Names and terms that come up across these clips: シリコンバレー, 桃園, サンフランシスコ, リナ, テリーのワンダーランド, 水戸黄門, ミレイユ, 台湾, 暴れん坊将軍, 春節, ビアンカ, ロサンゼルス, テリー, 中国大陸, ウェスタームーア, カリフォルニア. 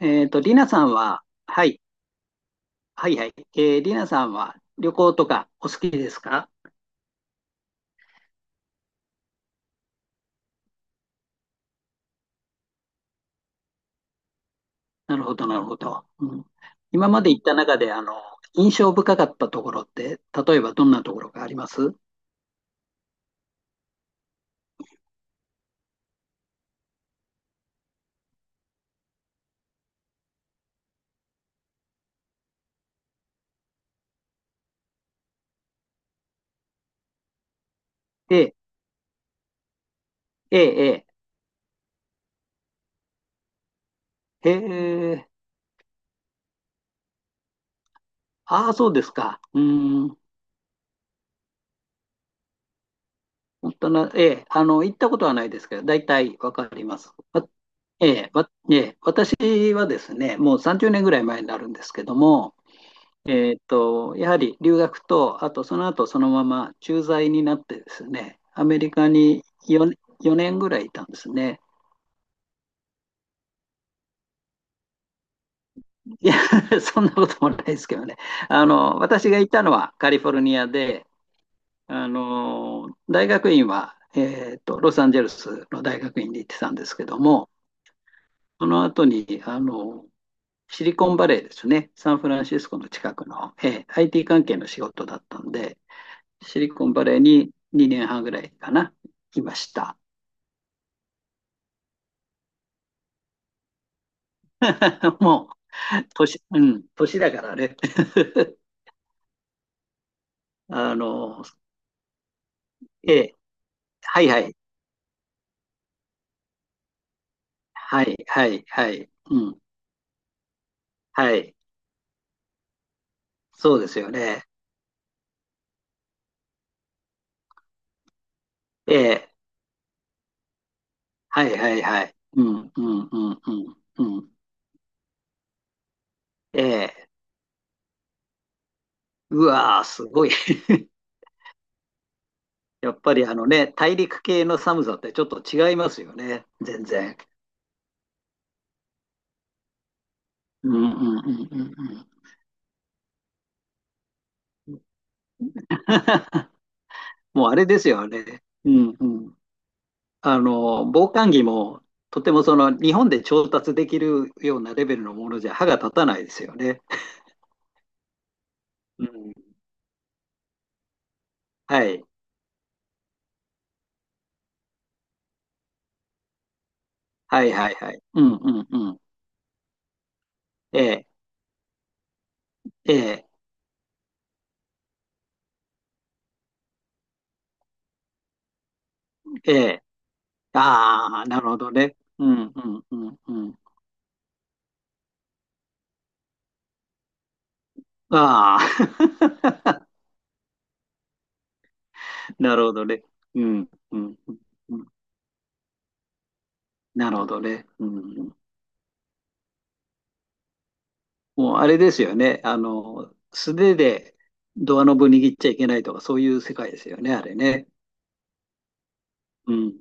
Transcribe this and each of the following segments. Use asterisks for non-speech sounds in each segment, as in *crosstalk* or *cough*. リナさんは、はい、はいはい。リナさんは旅行とかお好きですか？なるほど、なるほど。うん、今まで行った中で、印象深かったところって、例えばどんなところがあります？ええ、ええ、ええ、へえ。ああ、そうですか。うん、本当な、ええ、行ったことはないですけど、大体わかります。わええ、わええ、私はですね、もう30年ぐらい前になるんですけども、やはり留学と、あとその後そのまま駐在になってですね、アメリカに4年ぐらいいたんですね。いや、*laughs* そんなこともないですけどね。私がいたのはカリフォルニアで、大学院は、ロサンゼルスの大学院に行ってたんですけども、その後に、シリコンバレーですね、サンフランシスコの近くの、IT 関係の仕事だったんで、シリコンバレーに2年半ぐらいかな、いました。*laughs* もう、年、うん、年だからね。*laughs* あの、ええ、はいはい、はい、はい、はい、うん、はい、そうですよね。ええ、はい、はい、はい、うん、うん、うん、うん、うん、ええ、うわー、すごい。*laughs* やっぱりあのね、大陸系の寒さってちょっと違いますよね、全然。うん、うん、うん、うん、うん。*laughs* もうあれですよ、あれ。うんうん。防寒着も、とてもその、日本で調達できるようなレベルのものじゃ歯が立たないですよね。うん。はい。はいはいはい。うんうんうん。ええ、ええ、ええ。ああ、なるほどね。うんうんうんうん。ああ、*laughs* なるほどね。うんうんうん。うんなるほどね。うん。もうあれですよね。素手でドアノブ握っちゃいけないとか、そういう世界ですよね、あれね。うん。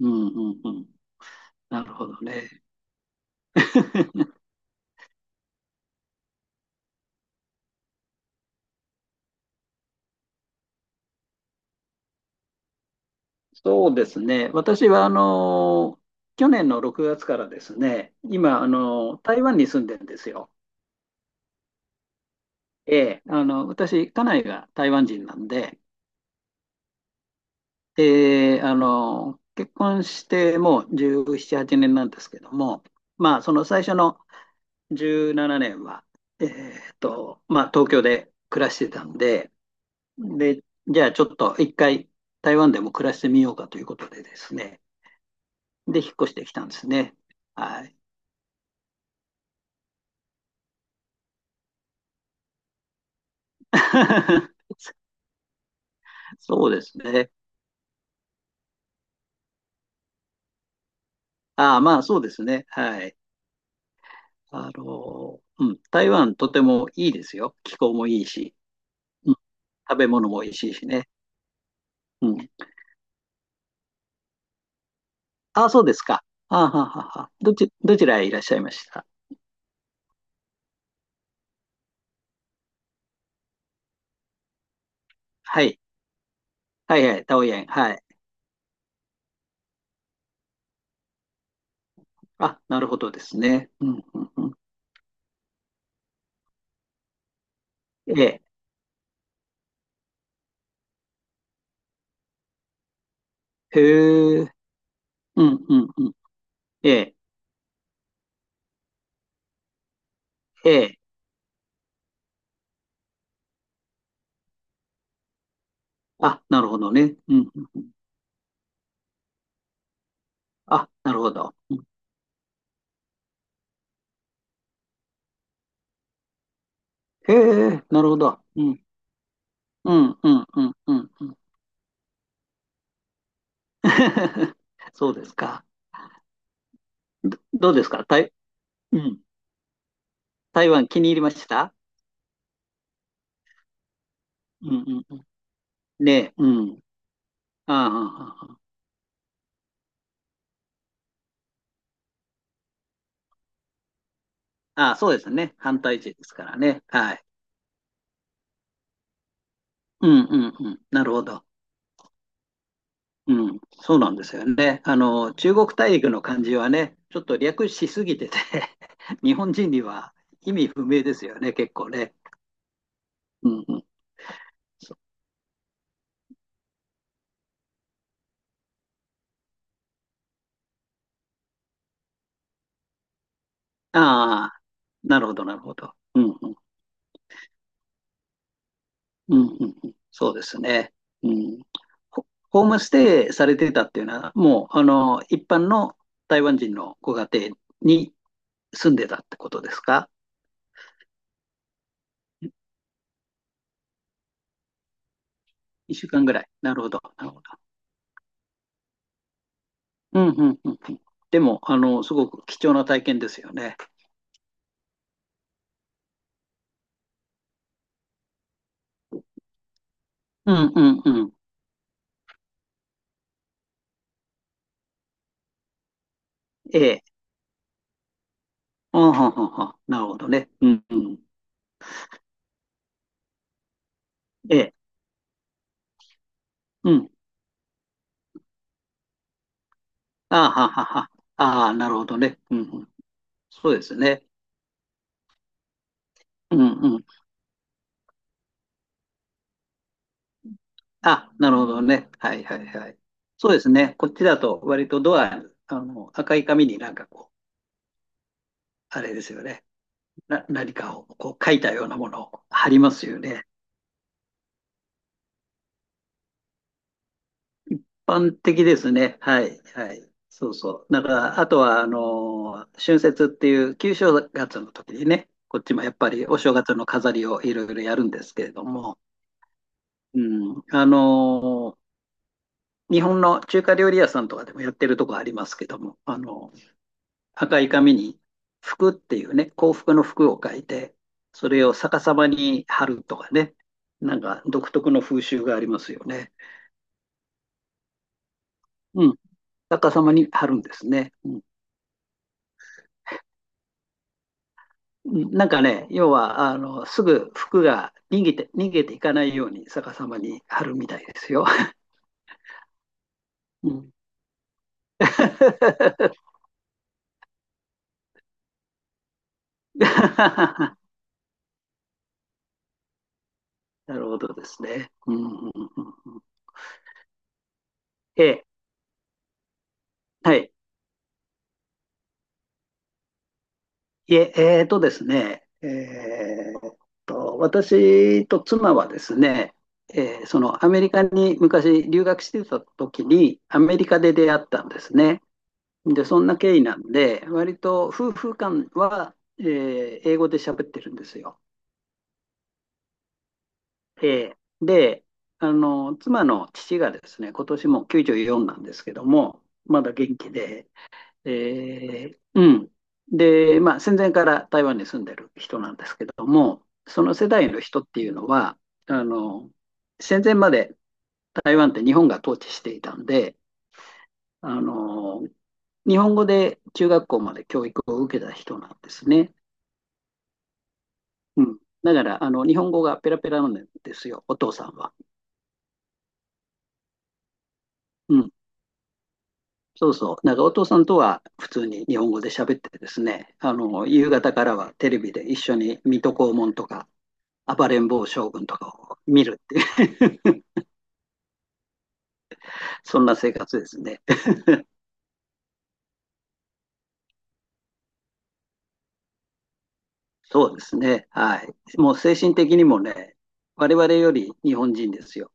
うん、うん、うん。なるほどね。*laughs* そうですね。私は、去年の6月からですね、今、台湾に住んでるんですよ。ええ、私、家内が台湾人なんで、で、結婚してもう17、8年なんですけども、まあ、その最初の17年は、まあ、東京で暮らしてたんで、で、じゃあちょっと一回台湾でも暮らしてみようかということでですね。で、引っ越してきたんですね。はい。*laughs* そうですね。ああ、まあそうですね。はい。うん、台湾とてもいいですよ。気候もいいし、うん、食べ物も美味しいしね。うん。ああ、そうですか。ああ、はあはあはあどちらへいらっしゃいました？はい。はいはい、桃園。はい。あ、なるほどですね。うん、うん、うん。ええ。へえ。うん、うん、うん。ええ。ええ。あ、なるほどね。うん、うん、うん。あ、なるほど。うんへえ、なるほど。うん、うん、うん、うん、うん。うん *laughs* そうですか。どうですか、うん。台湾気に入りました？うん、うん、うん。ねえ、うん。ああ、ああ、ああ、ああそうですね。反対勢ですからね。はい。うん、うん、うん。なるほど。うん、そうなんですよね。中国大陸の漢字はね、ちょっと略しすぎてて *laughs* 日本人には意味不明ですよね、結構ね。うんうん、そう。ああ、なるほど、なるほど。うんうん、うんうんうん、そうですね。うん、ホームステイされてたっていうのは、もう、一般の台湾人のご家庭に住んでたってことですか ?1 週間ぐらい。なるほど、なるほど。うんうんうんうん。でも、すごく貴重な体験ですよね。うんうんうん。ええ。あははは。なるほどね。うんうん。ええ。うん。あははは。ああ、なるほどね。うんうん。そうですね。うんうん。あ、なるほどね。はいはいはい。そうですね。こっちだと割とドアに、赤い紙になんかこう、あれですよね。何かをこう書いたようなものを貼りますよね。般的ですね。はい。はい。そうそう。だから、あとは、春節っていう旧正月の時にね、こっちもやっぱりお正月の飾りをいろいろやるんですけれども、うん。日本の中華料理屋さんとかでもやってるとこありますけども、赤い紙に福っていうね、幸福の福を書いて、それを逆さまに貼るとかね、なんか独特の風習がありますよね。うん。逆さまに貼るんですね。うんなんかね、要は、すぐ服が逃げていかないように逆さまに貼るみたいですよ。うん *laughs* なるほどですね。うんえはい。えー、えーとですね、えーっと、私と妻はですね、アメリカに昔留学してた時に、アメリカで出会ったんですね。で、そんな経緯なんで、割と夫婦間は、英語で喋ってるんですよ。えで、妻の父がですね、今年もう94なんですけども、まだ元気で、うん。で、まあ、戦前から台湾に住んでる人なんですけども、その世代の人っていうのは、あの、戦前まで台湾って日本が統治していたんで、あの、日本語で中学校まで教育を受けた人なんですね。うん。だから、日本語がペラペラなんですよ、お父さんは。うん。そうそう。なんかお父さんとは普通に日本語で喋ってですね、夕方からはテレビで一緒に水戸黄門とか、暴れん坊将軍とかを見るっていう、*laughs* そんな生活ですね。そうですね。はい。もう精神的にもね、我々より日本人ですよ。